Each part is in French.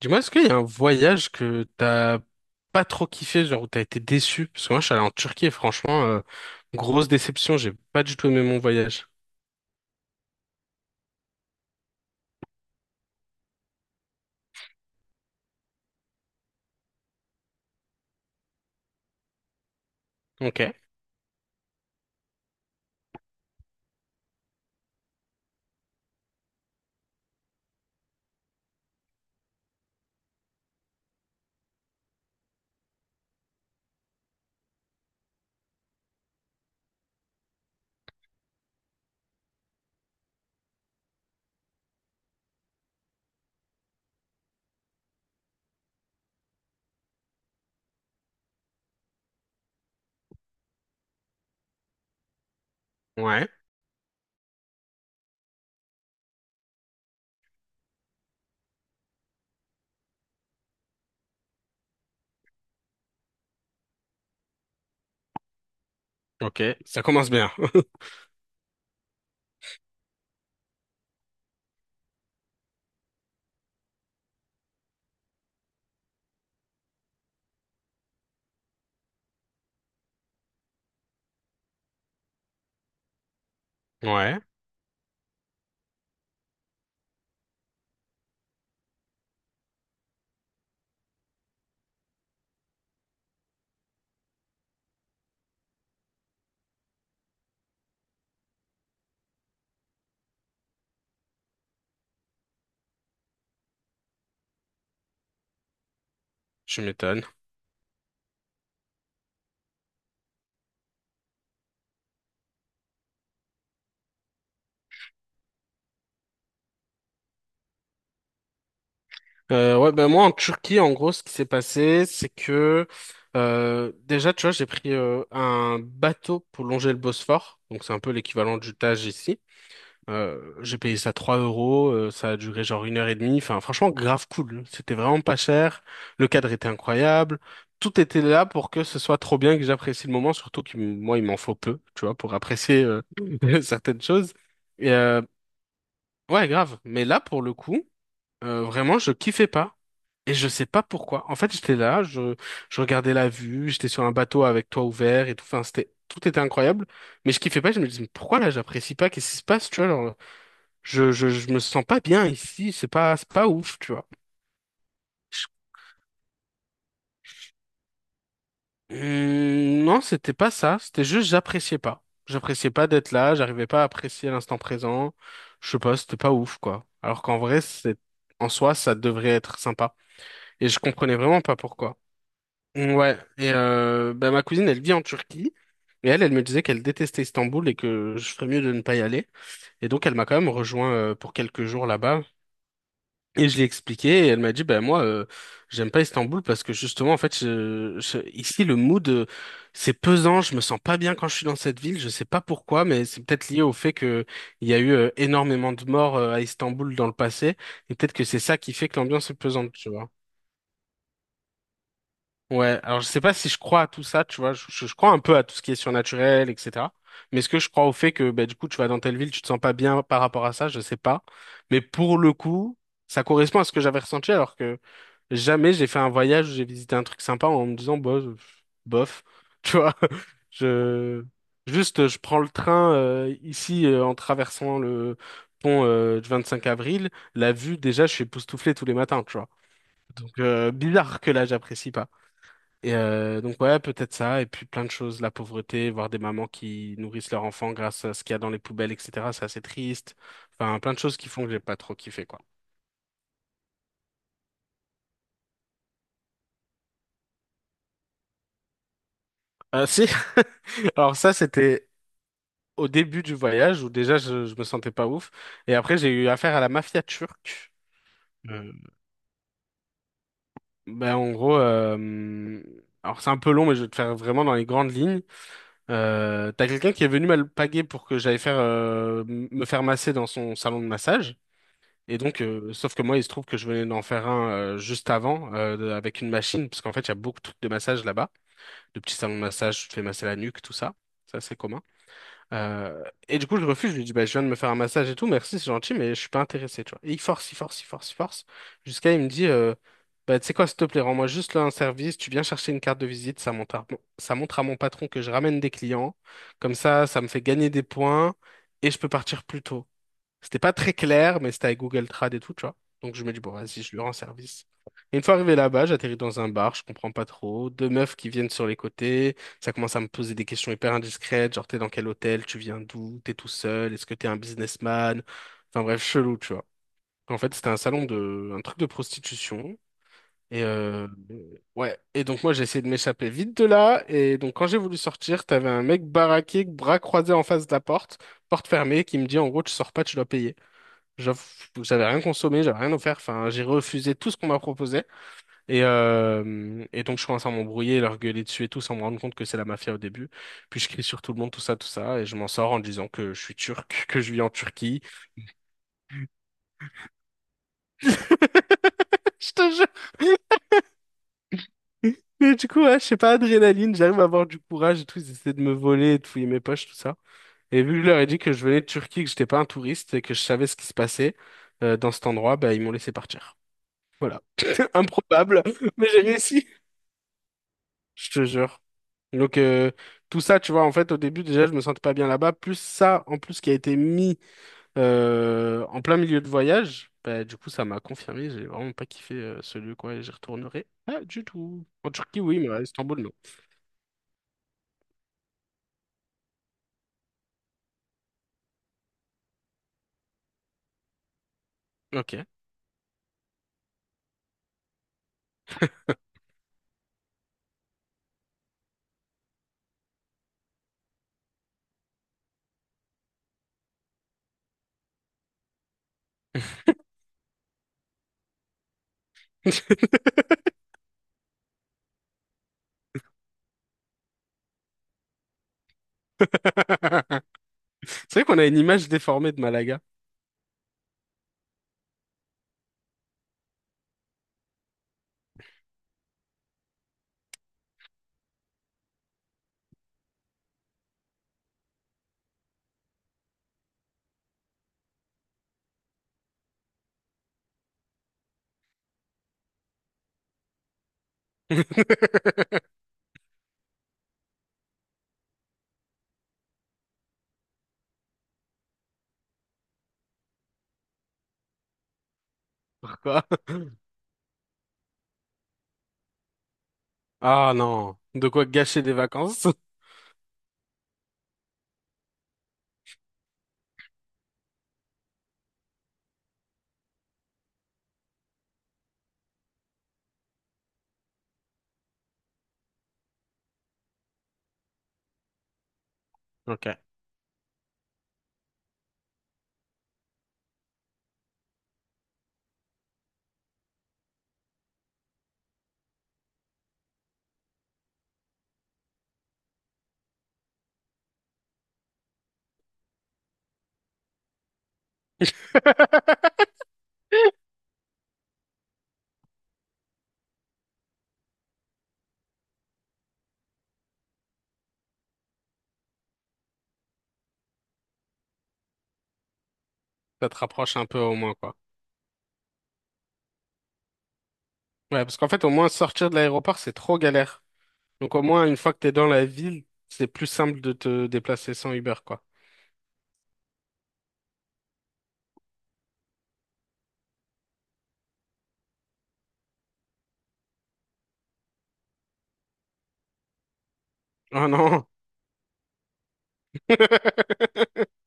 Dis-moi, est-ce qu'il y a un voyage que t'as pas trop kiffé, genre où t'as été déçu? Parce que moi, je suis allé en Turquie et franchement, grosse déception, j'ai pas du tout aimé mon voyage. Ok. Ouais. Ok. Ça commence bien. Ouais. Je m'étonne. Ouais, ben moi, en Turquie, en gros, ce qui s'est passé, c'est que déjà, tu vois, j'ai pris un bateau pour longer le Bosphore. Donc, c'est un peu l'équivalent du Tage ici. J'ai payé ça 3 euros, ça a duré genre une heure et demie. Enfin, franchement, grave cool. C'était vraiment pas cher. Le cadre était incroyable. Tout était là pour que ce soit trop bien et que j'apprécie le moment, surtout que moi, il m'en faut peu, tu vois, pour apprécier certaines choses. Et ouais, grave. Mais là, pour le coup, vraiment, je kiffais pas. Et je sais pas pourquoi. En fait, j'étais là, je regardais la vue, j'étais sur un bateau avec toit ouvert et tout. Enfin, c'était, tout était incroyable. Mais je kiffais pas, je me disais, mais pourquoi là, j'apprécie pas? Qu'est-ce qui se passe, tu vois? Genre, je me sens pas bien ici, c'est pas ouf, tu vois. Non, c'était pas ça, c'était juste j'appréciais pas. J'appréciais pas d'être là, j'arrivais pas à apprécier l'instant présent. Je sais pas, c'était pas ouf, quoi. Alors qu'en vrai, c'est, en soi, ça devrait être sympa. Et je comprenais vraiment pas pourquoi. Mmh, ouais, et bah, ma cousine, elle vit en Turquie, mais elle me disait qu'elle détestait Istanbul et que je ferais mieux de ne pas y aller. Et donc, elle m'a quand même rejoint pour quelques jours là-bas. Et je l'ai expliqué et elle m'a dit, ben moi, j'aime pas Istanbul parce que justement, en fait, ici, le mood, c'est pesant, je me sens pas bien quand je suis dans cette ville, je sais pas pourquoi, mais c'est peut-être lié au fait que il y a eu énormément de morts à Istanbul dans le passé, et peut-être que c'est ça qui fait que l'ambiance est pesante, tu vois. Ouais, alors je sais pas si je crois à tout ça, tu vois, je crois un peu à tout ce qui est surnaturel, etc. Mais est-ce que je crois au fait que, ben, du coup, tu vas dans telle ville, tu te sens pas bien par rapport à ça, je sais pas. Mais pour le coup, ça correspond à ce que j'avais ressenti alors que jamais j'ai fait un voyage où j'ai visité un truc sympa en me disant, bah, bof, tu vois. Je... Juste, je prends le train ici en traversant le pont du 5 avril. La vue, déjà, je suis époustouflé tous les matins, tu vois. Donc, bizarre que là, j'apprécie pas. Et donc, ouais, peut-être ça. Et puis, plein de choses, la pauvreté, voir des mamans qui nourrissent leurs enfants grâce à ce qu'il y a dans les poubelles, etc. C'est assez triste. Enfin, plein de choses qui font que j'ai pas trop kiffé, quoi. Si, alors ça, c'était au début du voyage où déjà je me sentais pas ouf. Et après, j'ai eu affaire à la mafia turque. Euh, ben, en gros, alors c'est un peu long, mais je vais te faire vraiment dans les grandes lignes. T'as quelqu'un qui est venu m'alpaguer pour que j'aille faire me faire masser dans son salon de massage. Et donc, sauf que moi, il se trouve que je venais d'en faire un juste avant avec une machine, parce qu'en fait, il y a beaucoup de trucs de massage là-bas, de petits salons de massage, tu te fais masser la nuque, tout ça. Ça, c'est commun. Et du coup, je refuse. Je lui dis, bah, je viens de me faire un massage et tout, merci, c'est gentil, mais je suis pas intéressé, tu vois. Et il force, il force, il force, il force. Jusqu'à, il me dit, bah, tu sais quoi, s'il te plaît, rends-moi juste là un service, tu viens chercher une carte de visite, ça montre à mon patron que je ramène des clients. Comme ça me fait gagner des points et je peux partir plus tôt. C'était pas très clair, mais c'était avec Google Trad et tout, tu vois. Donc je me dis, bon, vas-y, je lui rends service. Et une fois arrivé là-bas, j'atterris dans un bar, je comprends pas trop. Deux meufs qui viennent sur les côtés, ça commence à me poser des questions hyper indiscrètes, genre t'es dans quel hôtel, tu viens d'où, t'es tout seul, est-ce que t'es un businessman? Enfin bref, chelou, tu vois. En fait, c'était un truc de prostitution. Et ouais. Et donc moi, j'ai essayé de m'échapper vite de là. Et donc quand j'ai voulu sortir, t'avais un mec baraqué, bras croisés en face de la porte, porte fermée, qui me dit en gros, tu sors pas, tu dois payer. J'avoue que j'avais rien consommé, j'avais rien offert. Enfin, j'ai refusé tout ce qu'on m'a proposé. Et donc, je commence à m'embrouiller, leur gueuler dessus et tout, sans me rendre compte que c'est la mafia au début. Puis, je crie sur tout le monde, tout ça, tout ça. Et je m'en sors en disant que je suis turc, que je vis en Turquie. Je te jure. Mais du coup, ouais, je sais pas, adrénaline, j'arrive à avoir du courage et tout. Ils essaient de me voler, et de fouiller mes poches, tout ça. Et vu que je leur ai dit que je venais de Turquie, que j'étais pas un touriste et que je savais ce qui se passait dans cet endroit, bah, ils m'ont laissé partir. Voilà. Improbable, mais j'ai réussi. Je te jure. Donc, tout ça, tu vois, en fait, au début, déjà, je me sentais pas bien là-bas. Plus ça, en plus, qui a été mis en plein milieu de voyage, bah, du coup, ça m'a confirmé. J'ai vraiment pas kiffé ce lieu, quoi, et j'y retournerai pas du tout. En Turquie, oui, mais à Istanbul, non. Ok. C'est vrai qu'on a une image déformée de Malaga. Pourquoi? Ah non, de quoi gâcher des vacances? Ok. Ça te rapproche un peu au moins, quoi. Ouais, parce qu'en fait, au moins, sortir de l'aéroport, c'est trop galère. Donc, au moins, une fois que t'es dans la ville, c'est plus simple de te déplacer sans Uber, quoi. Oh non!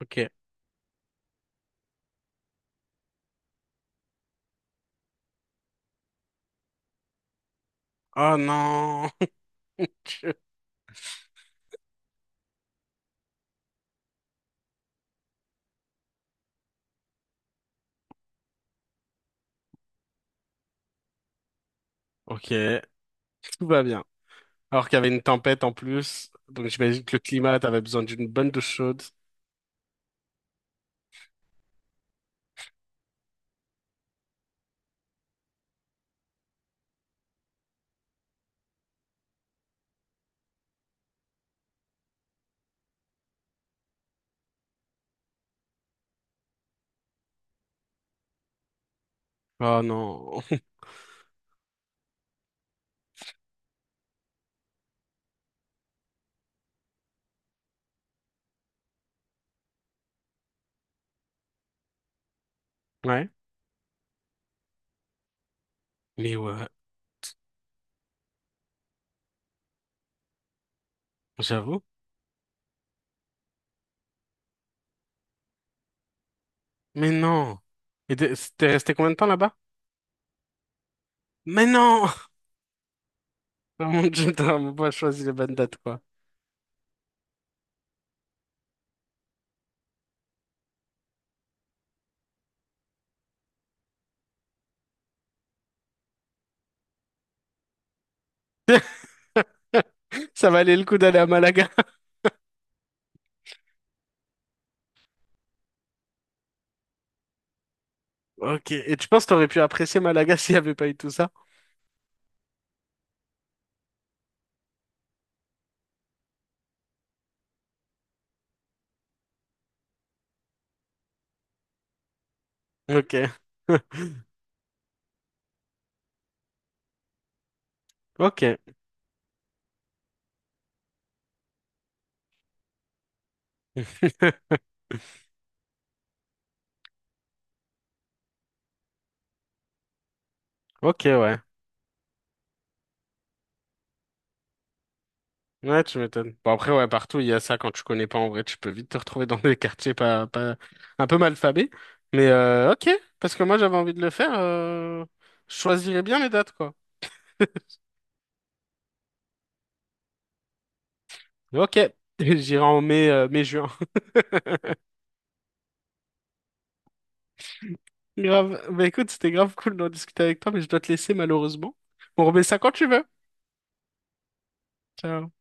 Ok. Oh non! Ok, tout va bien. Alors qu'il y avait une tempête en plus, donc j'imagine que le climat, t'avais besoin d'une bonne douche chaude. Oh non! Ouais. Mais ouais, j'avoue. Mais non! Et t'es resté combien de temps là-bas? Mais non! Oh mon dieu, t'as vraiment pas choisi les bonnes dates, quoi. Ça valait le coup d'aller à Malaga. Ok. Et tu penses que t'aurais pu apprécier Malaga s'il n'y avait pas eu tout ça? Ok. Ok. Ok, ouais. Ouais, tu m'étonnes. Bon, après, ouais, partout, il y a ça. Quand tu connais pas, en vrai, tu peux vite te retrouver dans des quartiers pas, pas, un peu malfabés. Mais, ok. Parce que moi, j'avais envie de le faire. Je choisirais bien les dates, quoi. Ok. J'irai en mai, mai-juin. Grave. Bah, écoute, c'était grave cool d'en discuter avec toi, mais je dois te laisser, malheureusement. On remet ça quand tu veux. Ciao.